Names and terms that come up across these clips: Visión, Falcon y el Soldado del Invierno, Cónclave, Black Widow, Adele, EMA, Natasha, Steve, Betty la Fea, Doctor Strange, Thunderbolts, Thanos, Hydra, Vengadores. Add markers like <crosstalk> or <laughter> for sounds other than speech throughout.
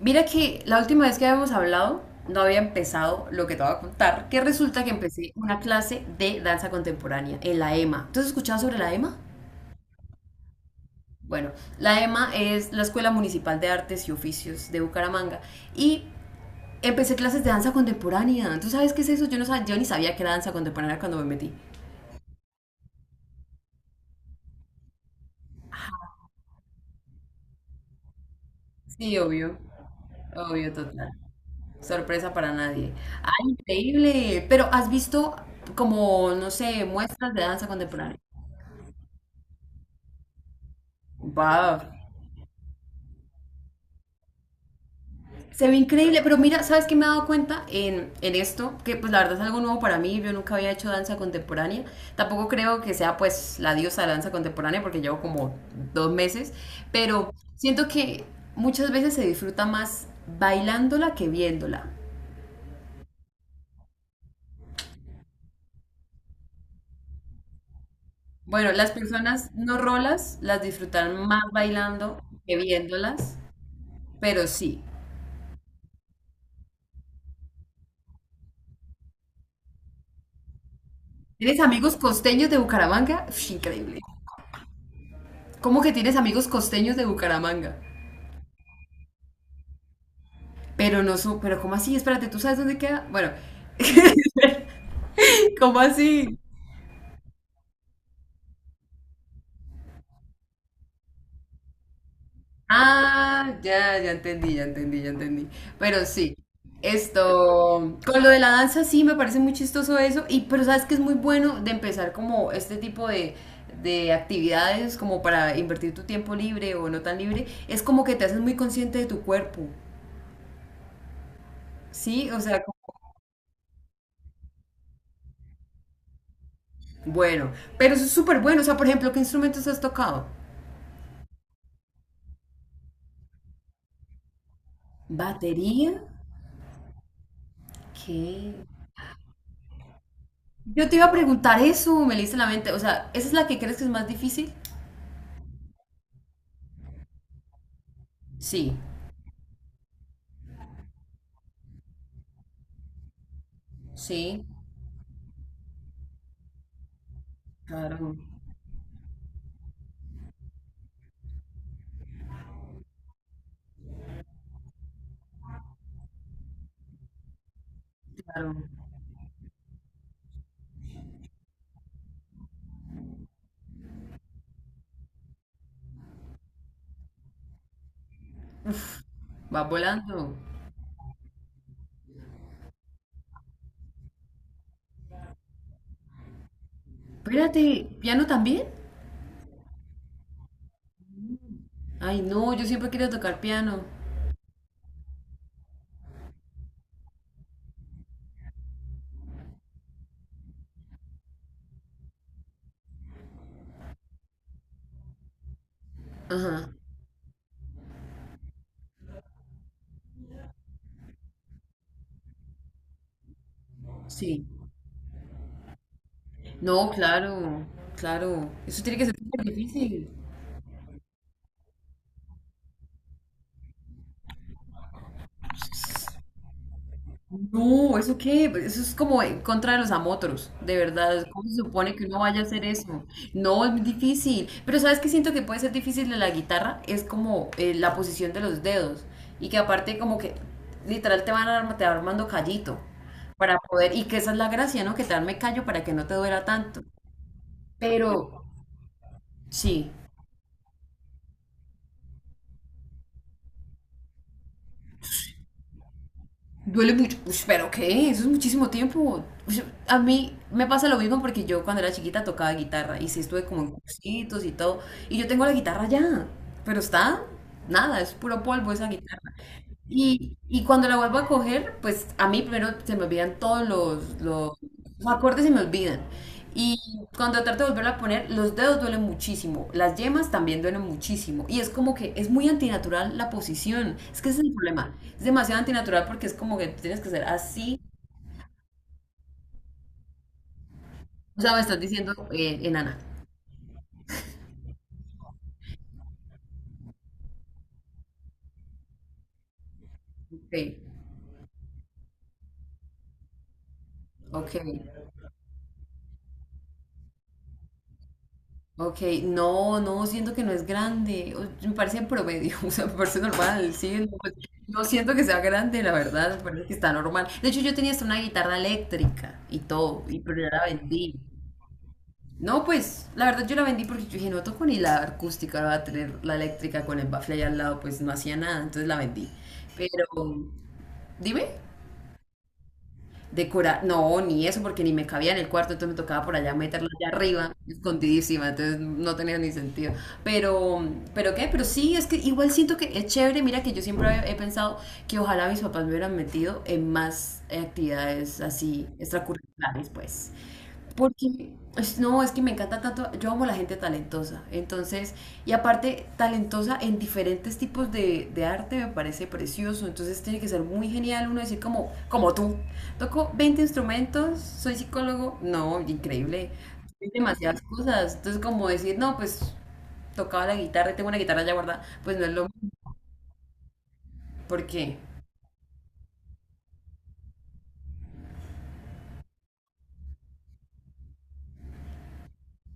Mira que la última vez que habíamos hablado, no había empezado lo que te voy a contar, que resulta que empecé una clase de danza contemporánea en la EMA. ¿Tú has escuchado sobre la EMA? Bueno, la EMA es la Escuela Municipal de Artes y Oficios de Bucaramanga y empecé clases de danza contemporánea. ¿Tú sabes qué es eso? Yo no sabía, yo ni sabía que era danza contemporánea cuando me metí. Sí, obvio, obvio, total. Sorpresa para nadie. ¡Ay, increíble! Pero ¿has visto como, no sé, muestras de danza contemporánea? ¡Wow! Se ve increíble, pero mira, ¿sabes qué me he dado cuenta en esto? Que pues la verdad es algo nuevo para mí, yo nunca había hecho danza contemporánea, tampoco creo que sea pues la diosa de la danza contemporánea porque llevo como dos meses, pero siento que muchas veces se disfruta más bailándola que viéndola. Bueno, las personas no rolas las disfrutarán más bailando que viéndolas, pero sí. ¿Tienes amigos costeños de Bucaramanga? Uf, increíble. ¿Cómo que tienes amigos costeños de Bucaramanga? Pero no su, pero ¿cómo así? Espérate, ¿tú sabes dónde queda? Bueno, ¿cómo así? Ah, ya, ya entendí, ya entendí, ya entendí. Pero sí, esto, con lo de la danza sí me parece muy chistoso eso, y pero sabes que es muy bueno de empezar como este tipo de actividades como para invertir tu tiempo libre o no tan libre, es como que te haces muy consciente de tu cuerpo, ¿sí? O sea, como... Bueno, pero eso es súper bueno, o sea, por ejemplo, ¿qué instrumentos has tocado? ¿Batería? ¿Qué? Yo te iba a preguntar eso, me leíste la mente. O sea, ¿esa es la que crees que es más difícil? Sí, sí, claro, claro. Va volando. Espérate, ¿piano también? Ay, no, yo siempre quería tocar piano. Ajá, sí. No, claro, claro. Eso tiene que ser súper difícil. No, ¿eso qué? Pues, eso es como en contra de los amotros, de verdad. ¿Cómo se supone que uno vaya a hacer eso? No, es muy difícil. Pero ¿sabes qué siento que puede ser difícil de la guitarra? Es como la posición de los dedos. Y que aparte como que literal te va armando callito para poder... Y que esa es la gracia, ¿no? Que te arme callo para que no te duela tanto. Pero sí. Duele mucho. Ush, pero ¿qué? Eso es muchísimo tiempo. Ush, a mí me pasa lo mismo porque yo cuando era chiquita tocaba guitarra y sí estuve como en cursitos y todo. Y yo tengo la guitarra ya, pero está nada, es puro polvo esa guitarra. Y cuando la vuelvo a coger, pues a mí primero se me olvidan todos los acordes, se me olvidan. Y cuando trato de volverla a poner, los dedos duelen muchísimo, las yemas también duelen muchísimo. Y es como que es muy antinatural la posición. Es que ese es el problema. Es demasiado antinatural porque es como que tienes que ser así. O sea, me estás diciendo enana. Ok, ok. Ok, no, no, siento que no es grande. O... me parece promedio, <laughs> o sea, me parece normal, sí. No, pues, no siento que sea grande, la verdad, me parece que está normal. De hecho, yo tenía hasta una guitarra eléctrica y todo, y, pero yo la vendí. No, pues, la verdad yo la vendí porque yo dije, no toco ni la acústica, ahora voy a tener la eléctrica con el bafle ahí al lado, pues no hacía nada, entonces la vendí. Pero, dime decorar, no, ni eso, porque ni me cabía en el cuarto, entonces me tocaba por allá meterla allá arriba, escondidísima, entonces no tenía ni sentido. Pero, pero qué, pero sí, es que igual siento que es chévere, mira que yo siempre he pensado que ojalá mis papás me hubieran metido en más actividades así extracurriculares, pues. Porque, es... no, es que me encanta tanto, yo amo la gente talentosa, entonces, y aparte talentosa en diferentes tipos de arte me parece precioso, entonces tiene que ser muy genial uno decir como, como tú, toco 20 instrumentos, soy psicólogo, no, increíble, soy demasiadas cosas, entonces como decir, no, pues tocaba la guitarra, y tengo una guitarra ya guardada, pues no es lo mismo, ¿por qué?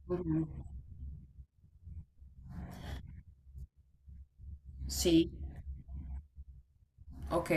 Ujú, sí, ok.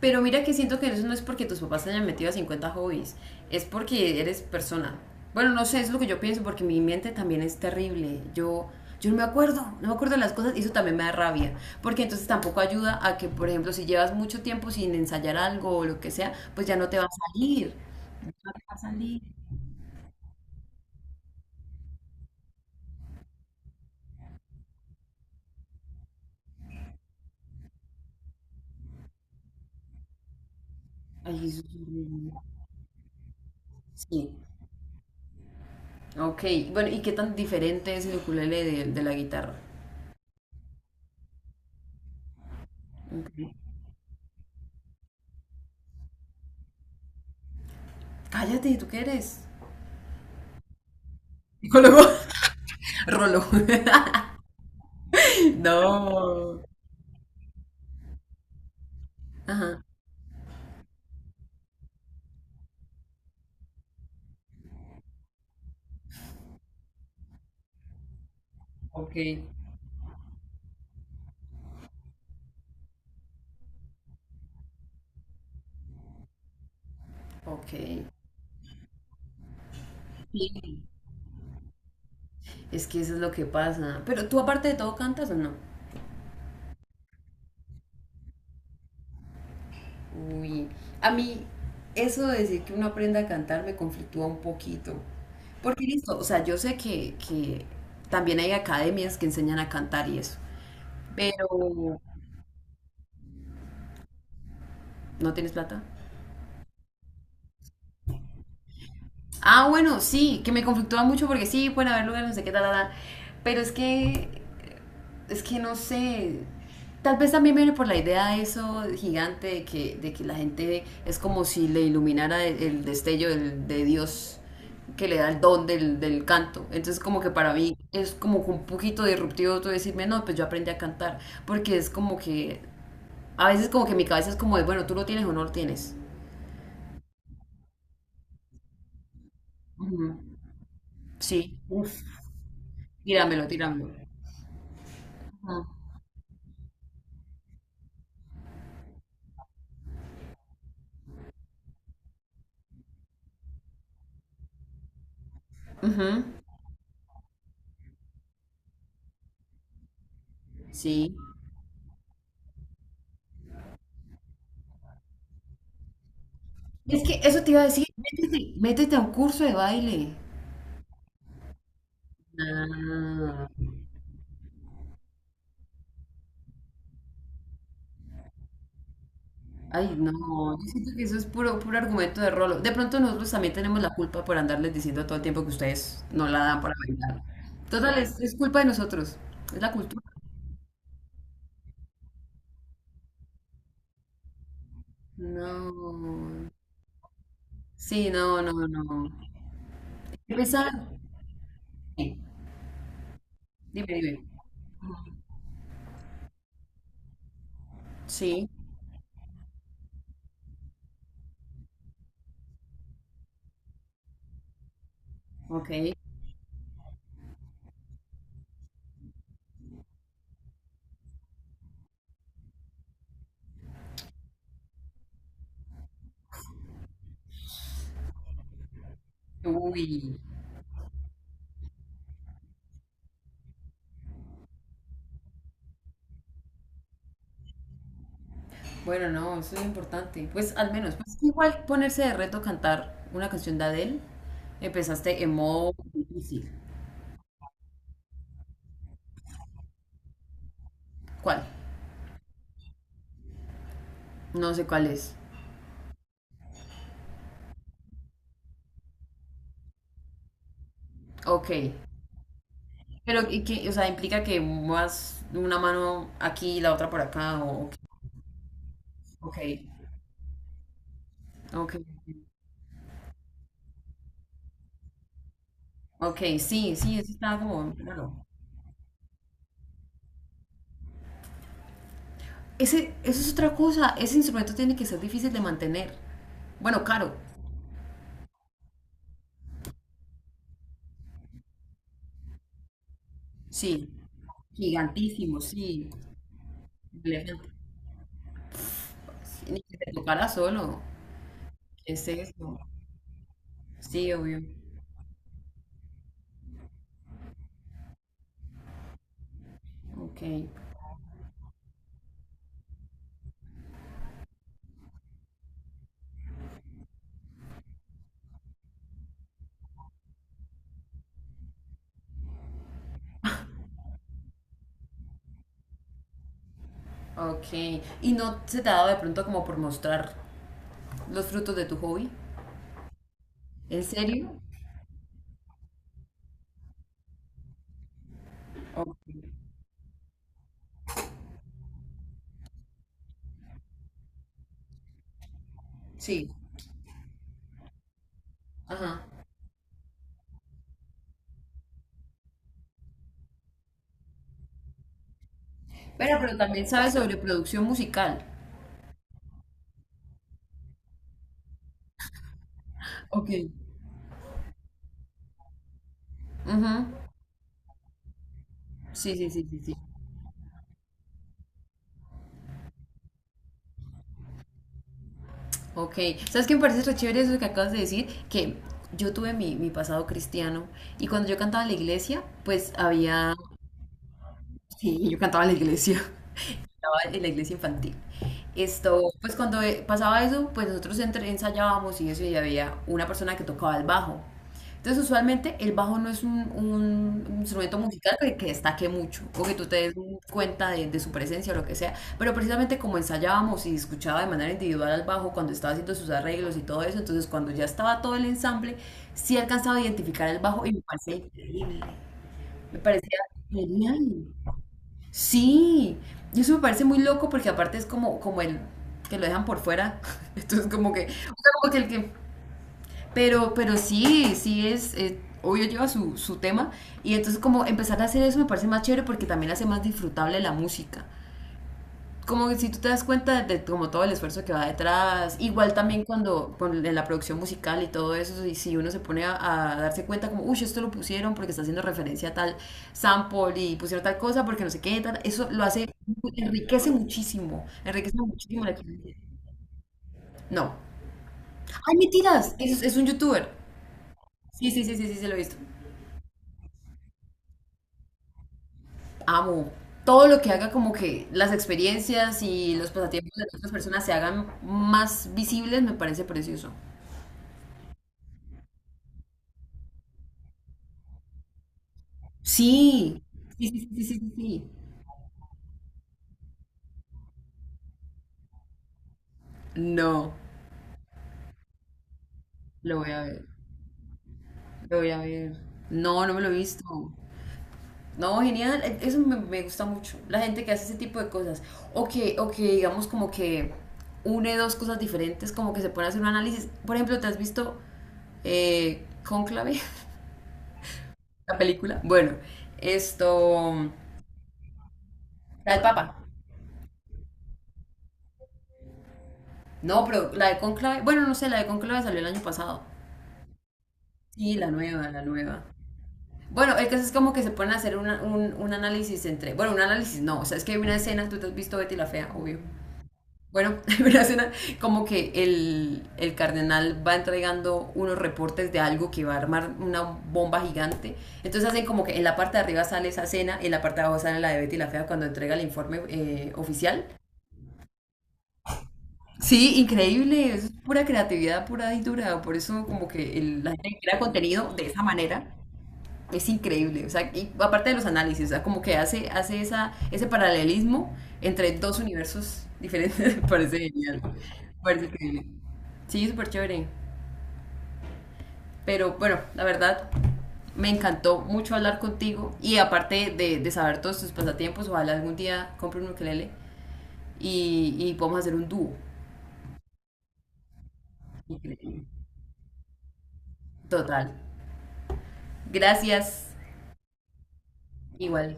Pero mira que siento que eso no es porque tus papás te hayan metido a 50 hobbies, es porque eres persona. Bueno, no sé, es lo que yo pienso, porque mi mente también es terrible. Yo no me acuerdo, no me acuerdo de las cosas y eso también me da rabia. Porque entonces tampoco ayuda a que, por ejemplo, si llevas mucho tiempo sin ensayar algo o lo que sea, pues ya no te va a salir. No te va a salir. Ay, eso es horrible. Sí. Ok, bueno, ¿y qué tan diferente es el ukulele de la guitarra? Ok. Cállate, ¿tú qué eres? Psicólogo. <laughs> Rolo. <laughs> No. Ajá. Ok. Ok. Sí, es que eso es lo que pasa. Pero tú aparte de todo ¿cantas o no? Uy. A mí eso de decir que uno aprenda a cantar me conflictúa un poquito. Porque listo, o sea, yo sé que también hay academias que enseñan a cantar y eso. Pero ¿no tienes plata? Ah, bueno, sí, que me conflictúa mucho porque sí, pueden haber lugares, no sé qué, tal, tal, pero es que no sé, tal vez también viene por la idea de eso gigante de que la gente es como si le iluminara el destello del... de Dios que le da el don del canto. Entonces como que para mí es como que un poquito disruptivo tú decirme, no, pues yo aprendí a cantar, porque es como que, a veces como que mi cabeza es como de, bueno, tú lo tienes o no lo tienes. Ujú, sí, uf. Tíramelo, tíramelo. Ujú. Ujú, sí. Es que eso te iba a decir, métete, métete a un curso de baile. Ah, ay, no, yo siento que eso es puro, puro argumento de rolo. De pronto nosotros también tenemos la culpa por andarles diciendo todo el tiempo que ustedes no la dan para bailar. Total, es culpa de nosotros, es la cultura. No, sí, no, no, no. Empezar. Sí, dime, dime. Sí, ok. Uy. Bueno, no, eso es importante. Pues al menos, pues igual ponerse de reto cantar una canción de Adele. Empezaste en modo difícil. ¿Cuál? No sé cuál es. Ok. Pero, ¿y qué? O sea, implica que muevas una mano aquí y la otra por acá. O, ok. Ok. Ok. Sí, sí, eso está como raro. Ese, eso es otra cosa. Ese instrumento tiene que ser difícil de mantener. Bueno, caro. Sí. Gigantísimo, sí. Elefante. Ni que te tocara solo. Es eso, sí, obvio. Ok, ok. ¿Y no se te ha dado de pronto como por mostrar los frutos de tu hobby? ¿En serio? Ok, sí, ajá. Pero también sabes sobre producción musical. Ok. Ujú. Sí, sí, sí, sí, sí. Ok. ¿Sabes qué me parece re chévere eso que acabas de decir? Que yo tuve mi pasado cristiano y cuando yo cantaba en la iglesia, pues había sí, yo cantaba en la iglesia, <laughs> cantaba en la iglesia infantil. Esto, pues cuando pasaba eso, pues nosotros ensayábamos y eso, y había una persona que tocaba el bajo. Entonces, usualmente el bajo no es un instrumento musical que destaque mucho, o que tú te des cuenta de su presencia o lo que sea, pero precisamente como ensayábamos y escuchaba de manera individual al bajo cuando estaba haciendo sus arreglos y todo eso, entonces cuando ya estaba todo el ensamble, sí alcanzaba a identificar el bajo y me parecía increíble, me parecía genial. Sí, y eso me parece muy loco porque aparte es como, como el que lo dejan por fuera. <laughs> Entonces como que, o sea, como que el que... pero sí, sí es, obvio lleva su, su tema. Y entonces como empezar a hacer eso me parece más chévere porque también hace más disfrutable la música como que si tú te das cuenta de como todo el esfuerzo que va detrás, igual también cuando en la producción musical y todo eso, y si uno se pone a darse cuenta como, uy, esto lo pusieron porque está haciendo referencia a tal sample y pusieron tal cosa porque no sé qué, tal", eso lo hace, enriquece muchísimo la experiencia. No. ¡Ay, mentiras! Es un youtuber. Sí, sí, sí, sí, sí, se lo he visto. Amo. Todo lo que haga como que las experiencias y los pasatiempos de otras personas se hagan más visibles me parece precioso. Sí, sí, sí, sí, sí, sí, sí. No, lo voy a ver, lo voy a ver. No, no me lo he visto. No, genial, e... eso me, me gusta mucho. La gente que hace ese tipo de cosas. O que digamos como que une dos cosas diferentes, como que se pone a hacer un análisis. Por ejemplo, ¿te has visto Cónclave? <laughs> La película. Bueno, esto... La del Papa. No, pero la de Cónclave... Bueno, no sé, la de Cónclave salió el año pasado. Sí, la nueva, la nueva. Bueno, el caso es como que se ponen a hacer un análisis entre. Bueno, un análisis no. O sea, es que hay una escena, tú te has visto Betty la Fea, obvio. Bueno, <laughs> hay una escena como que el cardenal va entregando unos reportes de algo que va a armar una bomba gigante. Entonces hacen como que en la parte de arriba sale esa escena, en la parte de abajo sale la de Betty la Fea cuando entrega el informe oficial. Sí, increíble, eso es pura creatividad pura y dura. Por eso como que la gente crea contenido de esa manera. Es increíble, o sea, y aparte de los análisis, o sea, como que hace, hace esa, ese paralelismo entre dos universos diferentes, <laughs> me parece genial, me parece increíble. Sí, súper chévere, pero bueno, la verdad, me encantó mucho hablar contigo y aparte de saber todos tus pasatiempos, ojalá algún día compre un ukelele y podamos hacer un dúo. Increíble. Total. Gracias. Igual.